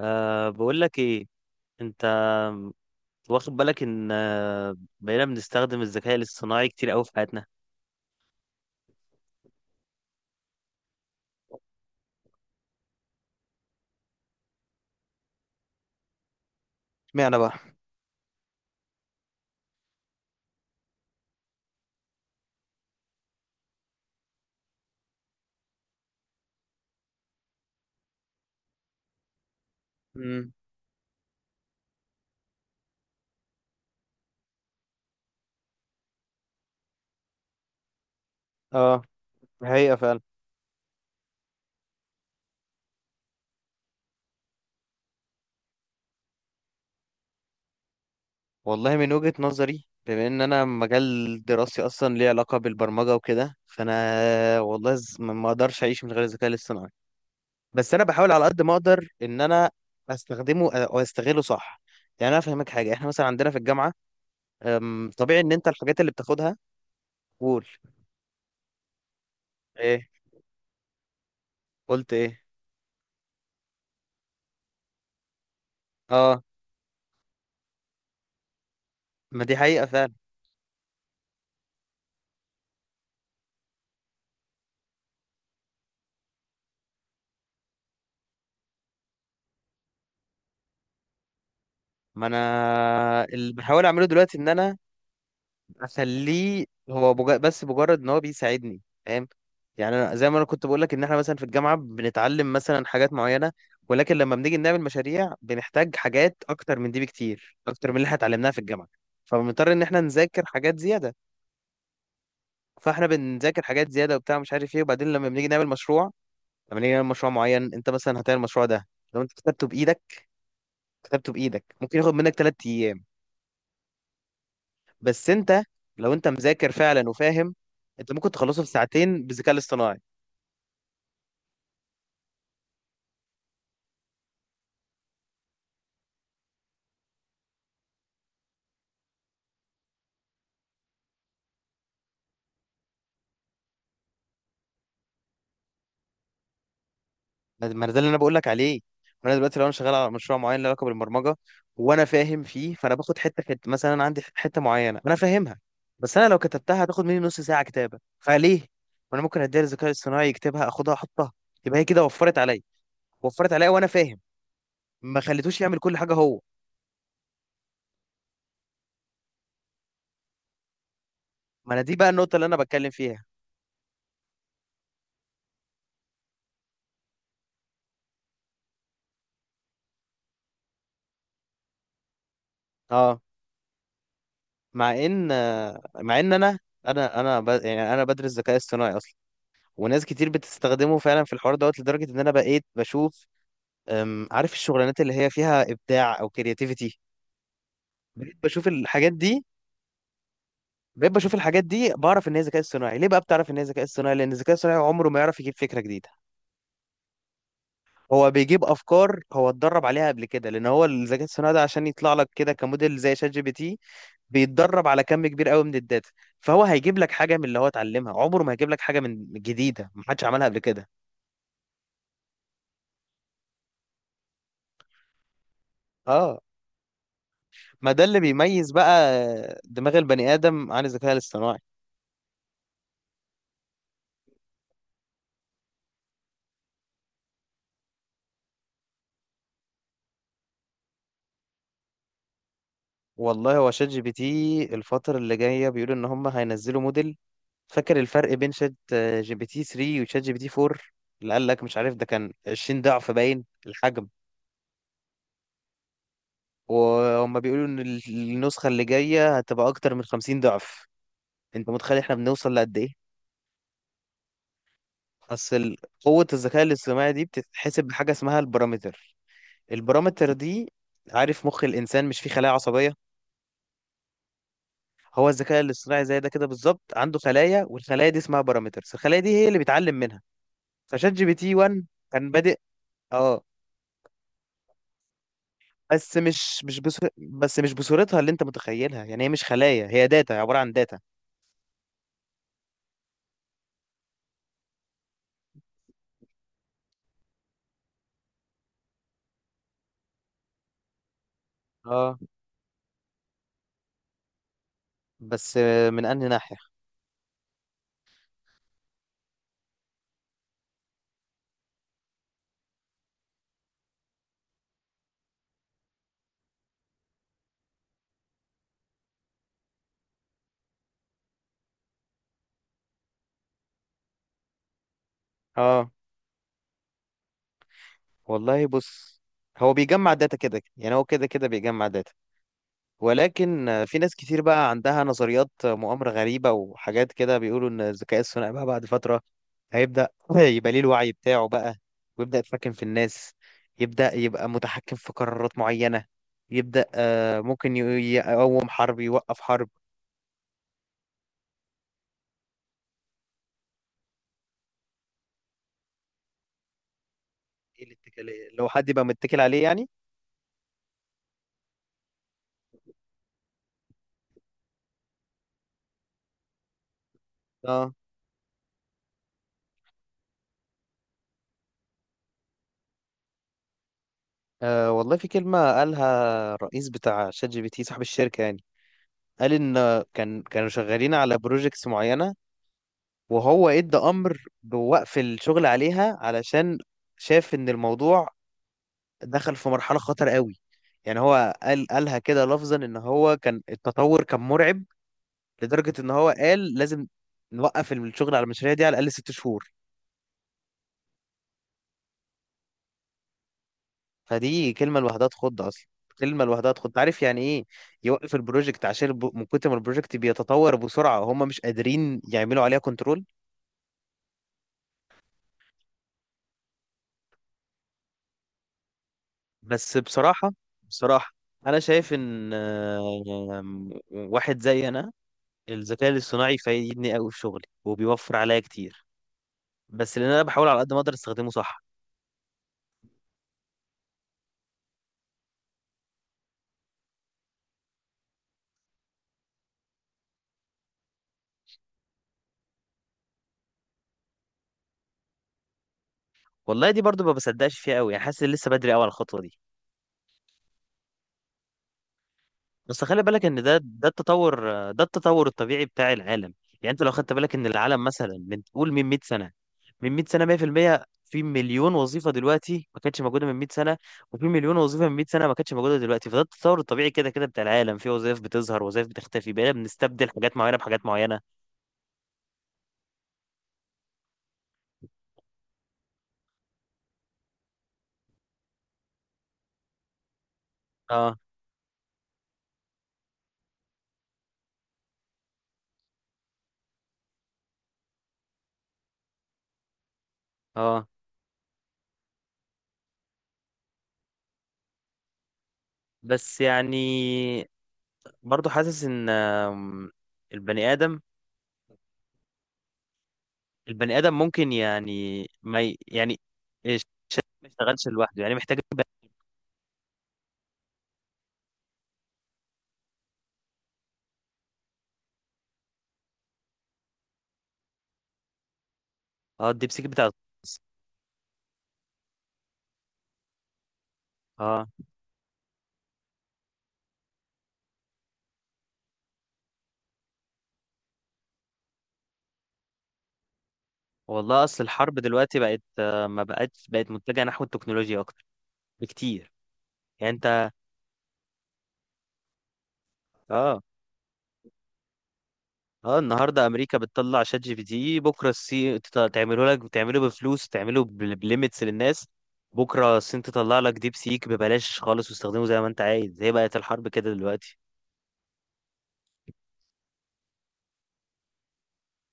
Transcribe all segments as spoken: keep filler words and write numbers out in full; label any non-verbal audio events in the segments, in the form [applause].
أه بقول لك ايه؟ انت واخد بالك ان آه، بقينا بنستخدم الذكاء الاصطناعي كتير قوي في حياتنا. اشمعنى بقى؟ امم اه، الحقيقة فعلا. والله من وجهة نظري، بما ان انا مجال دراستي اصلا ليه علاقة بالبرمجة وكده، فانا والله ز- ما ما اقدرش اعيش من غير الذكاء الاصطناعي. بس انا بحاول على قد ما اقدر ان انا استخدمه او استغله صح. يعني انا افهمك حاجة، احنا مثلا عندنا في الجامعة، أم، طبيعي ان انت الحاجات اللي بتاخدها. قول. ايه؟ قلت ايه؟ اه، ما دي حقيقة فعلا. ما انا اللي بحاول اعمله دلوقتي ان انا اخليه هو بج... بس مجرد ان هو بيساعدني، فاهم؟ يعني انا زي ما انا كنت بقول لك ان احنا مثلا في الجامعة بنتعلم مثلا حاجات معينة، ولكن لما بنيجي نعمل مشاريع بنحتاج حاجات اكتر من دي بكتير، اكتر من اللي احنا اتعلمناها في الجامعة، فبنضطر ان احنا نذاكر حاجات زيادة. فاحنا بنذاكر حاجات زيادة وبتاع مش عارف ايه، وبعدين لما بنيجي نعمل مشروع، لما نيجي نعمل مشروع معين، انت مثلا هتعمل المشروع ده، لو انت كتبته بايدك، كتبته بايدك ممكن ياخد منك ثلاث ايام. بس انت لو انت مذاكر فعلا وفاهم، انت ممكن تخلصه في ساعتين بالذكاء الاصطناعي. ما ما ده اللي انا بقول لك عليه. ما انا دلوقتي لو انا شغال على مشروع معين له علاقه بالبرمجه وانا فاهم فيه، فانا باخد حته حته. مثلا انا عندي حته معينه انا فاهمها، بس انا لو كتبتها هتاخد مني نص ساعه كتابه، فليه ما انا ممكن اديها للذكاء الاصطناعي يكتبها، اخدها احطها؟ يبقى هي كده وفرت عليا. وفرت عليا وانا فاهم، ما خليتوش يعمل كل حاجه هو. ما انا دي بقى النقطه اللي انا بتكلم فيها. اه، مع ان مع ان انا انا انا ب... يعني انا بدرس ذكاء اصطناعي اصلا، وناس كتير بتستخدمه فعلا في الحوار دوت، لدرجه ان انا بقيت بشوف، أم، عارف الشغلانات اللي هي فيها ابداع او كرياتيفيتي؟ بقيت بشوف الحاجات دي. بقيت بشوف الحاجات دي بعرف ان هي ذكاء اصطناعي. ليه بقى بتعرف ان هي ذكاء اصطناعي؟ لان الذكاء الاصطناعي عمره ما يعرف يجيب فكره جديده. هو بيجيب افكار هو اتدرب عليها قبل كده، لان هو الذكاء الصناعي ده عشان يطلع لك كده كموديل زي شات جي بي تي بيتدرب على كم كبير قوي من الداتا. فهو هيجيب لك حاجه من اللي هو اتعلمها، عمره ما هيجيب لك حاجه من جديده ما حدش عملها قبل كده. اه، ما ده اللي بيميز بقى دماغ البني ادم عن الذكاء الاصطناعي. والله هو شات جي بي تي الفتره اللي جايه بيقولوا ان هم هينزلوا موديل. فاكر الفرق بين شات جي بي تي ثلاثة وشات جي بي تي أربعة؟ اللي قال لك مش عارف، ده كان 20 ضعف باين الحجم. وهم بيقولوا ان ال- النسخة اللي جاية هتبقى اكتر من 50 ضعف. انت متخيل احنا بنوصل لقد ايه؟ اصل ال- قوة الذكاء الاصطناعي دي بتتحسب بحاجة اسمها البارامتر. البارامتر دي، عارف مخ الانسان مش فيه خلايا عصبية؟ هو الذكاء الاصطناعي زي ده كده بالظبط، عنده خلايا، والخلايا دي اسمها بارامترز. الخلايا دي هي اللي بيتعلم منها. فشات جي بي تي واحد كان بادئ. اه، بس مش مش بس بس مش بصورتها اللي انت متخيلها. يعني هي مش خلايا، هي داتا، عبارة عن داتا. اه، بس من انهي ناحية؟ اه، والله بص، هو بيجمع داتا كده. يعني هو كده كده بيجمع داتا، ولكن آه، في ناس كتير بقى عندها نظريات آه، مؤامرة غريبة وحاجات كده، بيقولوا إن الذكاء الصناعي بقى بعد فترة هيبدأ [clears throat] يبقى ليه الوعي بتاعه بقى، ويبدأ يتحكم في الناس، يبدأ يبقى متحكم في قرارات معينة، يبدأ آه، ممكن ي- يقوم حرب، يوقف حرب. ايه الاتكال؟ لو حد يبقى متكل عليه يعني. اه، آه، والله في كلمة قالها الرئيس بتاع شات جي بي تي صاحب الشركة يعني. قال ان كان كانوا شغالين على بروجيكتس معينه وهو ادى امر بوقف الشغل عليها، علشان شاف ان الموضوع دخل في مرحله خطر قوي. يعني هو قال، قالها كده لفظا، ان هو كان التطور كان مرعب لدرجه ان هو قال لازم نوقف الشغل على المشاريع دي على الاقل ست شهور. فدي كلمه لوحدها تخض اصلا. كلمه لوحدها تخض، عارف يعني ايه؟ يوقف البروجكت عشان الب- من كتر ما البروجكت بيتطور بسرعه هم مش قادرين يعملوا عليها كنترول. بس بصراحة، بصراحة أنا شايف إن آه، واحد زي أنا الذكاء الاصطناعي فايدني أوي في شغلي وبيوفر عليا كتير، بس لأن أنا بحاول على قد ما أقدر أستخدمه صح. والله دي برضو ما بصدقش فيها أوي، يعني حاسس إن لسه بدري أوي على الخطوة دي. بس خلي بالك ان ده ده التطور، ده التطور الطبيعي بتاع العالم. يعني انت لو خدت بالك ان العالم مثلا من قول من مائة سنة سنه، من مائة سنة سنه مية في المية في المية، في مليون وظيفه دلوقتي ما كانتش موجوده من مائة سنة سنه، وفي مليون وظيفه من مائة سنة سنه ما كانتش موجوده دلوقتي. فده التطور الطبيعي كده كده بتاع العالم، في وظائف بتظهر، وظائف بتختفي، بقينا بنستبدل حاجات معينه بحاجات معينه. اه. اه، بس يعني برضو حاسس ان آم، البني ادم، البني ادم ممكن يعني ما ي- يعني إيش- ما يشتغلش لوحده يعني، محتاج. اه، الديبسيك بتاع الغاز. اه، والله اصل الحرب دلوقتي بقت آه، ما بقتش، بقت متجهه نحو التكنولوجيا اكتر بكتير. يعني انت، اه، اه، النهارده امريكا بتطلع شات جي بي تي، بكره الصين تط- تعمله لك، تعمله بفلوس، تعمله بل- بليميتس للناس. بكره الصين تطلع لك ديب سيك ببلاش خالص، واستخدمه زي ما انت عايز. هي بقت الحرب كده دلوقتي.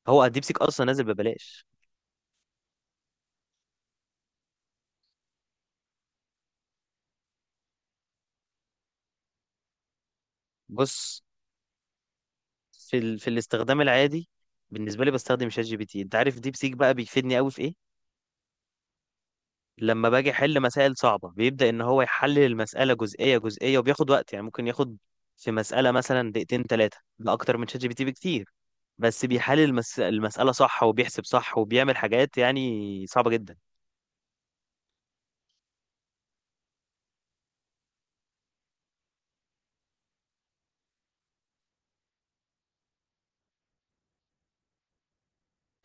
هو الديب سيك اصلا نازل ببلاش. بص، في ال... في الاستخدام العادي بالنسبه لي بستخدم شات جي بي تي. انت عارف ديب سيك بقى بيفيدني قوي في ايه؟ لما باجي احل مسائل صعبه بيبدا ان هو يحلل المساله جزئيه جزئيه وبياخد وقت. يعني ممكن ياخد في مساله مثلا دقيقتين ثلاثه، ده اكتر من شات جي بي تي بكتير، بس بيحلل المس... المساله صح، وبيحسب صح، وبيعمل حاجات يعني صعبه جدا.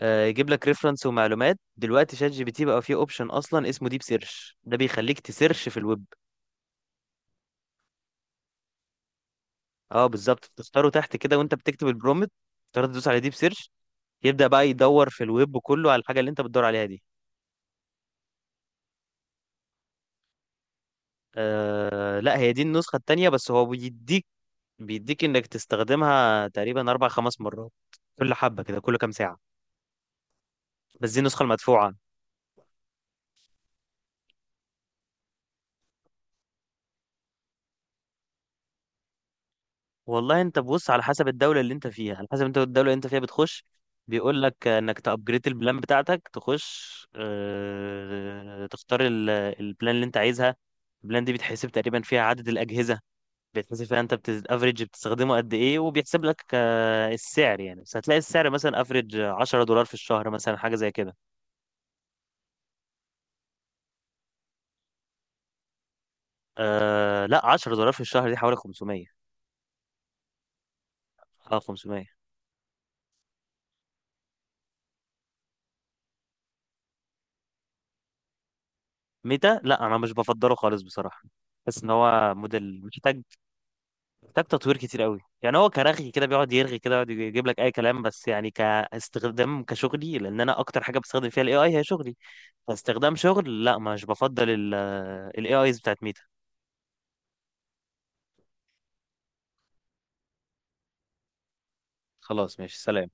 آه، يجيب لك ريفرنس ومعلومات. دلوقتي شات جي بي تي بقى فيه اوبشن اصلا اسمه ديب سيرش، ده بيخليك تسيرش في الويب. اه، بالظبط، تختاره تحت كده وانت بتكتب البرومت، تقدر تدوس على ديب سيرش. يبدا بقى يدور في الويب كله على الحاجه اللي انت بتدور عليها دي. آه لا، هي دي النسخة التانية، بس هو بيديك، بيديك انك تستخدمها تقريبا اربع خمس مرات، كل حبة كده، كل كام ساعة. بس دي النسخة المدفوعة. والله انت بص، على حسب الدولة اللي انت فيها، على حسب انت الدولة اللي انت فيها بتخش، بيقول لك انك تأبجريد البلان بتاعتك، تخش آه تختار ال- البلان اللي انت عايزها. البلان دي بيتحسب تقريبا فيها عدد الأجهزة، بيتحسب فيها انت بت افريج بتستخدمه قد ايه، وبيحسب لك آه السعر يعني. بس هتلاقي السعر مثلا افريج عشرة دولار في الشهر مثلا، حاجة زي كده. آه لا، عشرة دولار في الشهر دي حوالي خمسمية. اه، خمسمية. ميتا لا، انا مش بفضله خالص بصراحه. بحس ان هو موديل محتاج، محتاج تطوير كتير قوي. يعني هو كرغي كده، بيقعد يرغي كده، يقعد يجيب لك اي كلام. بس يعني كاستخدام كشغلي، لان انا اكتر حاجه بستخدم فيها الاي اي هي شغلي، فاستخدام شغل لا مش بفضل الاي ايز بتاعت ميتا. خلاص ماشي، سلام.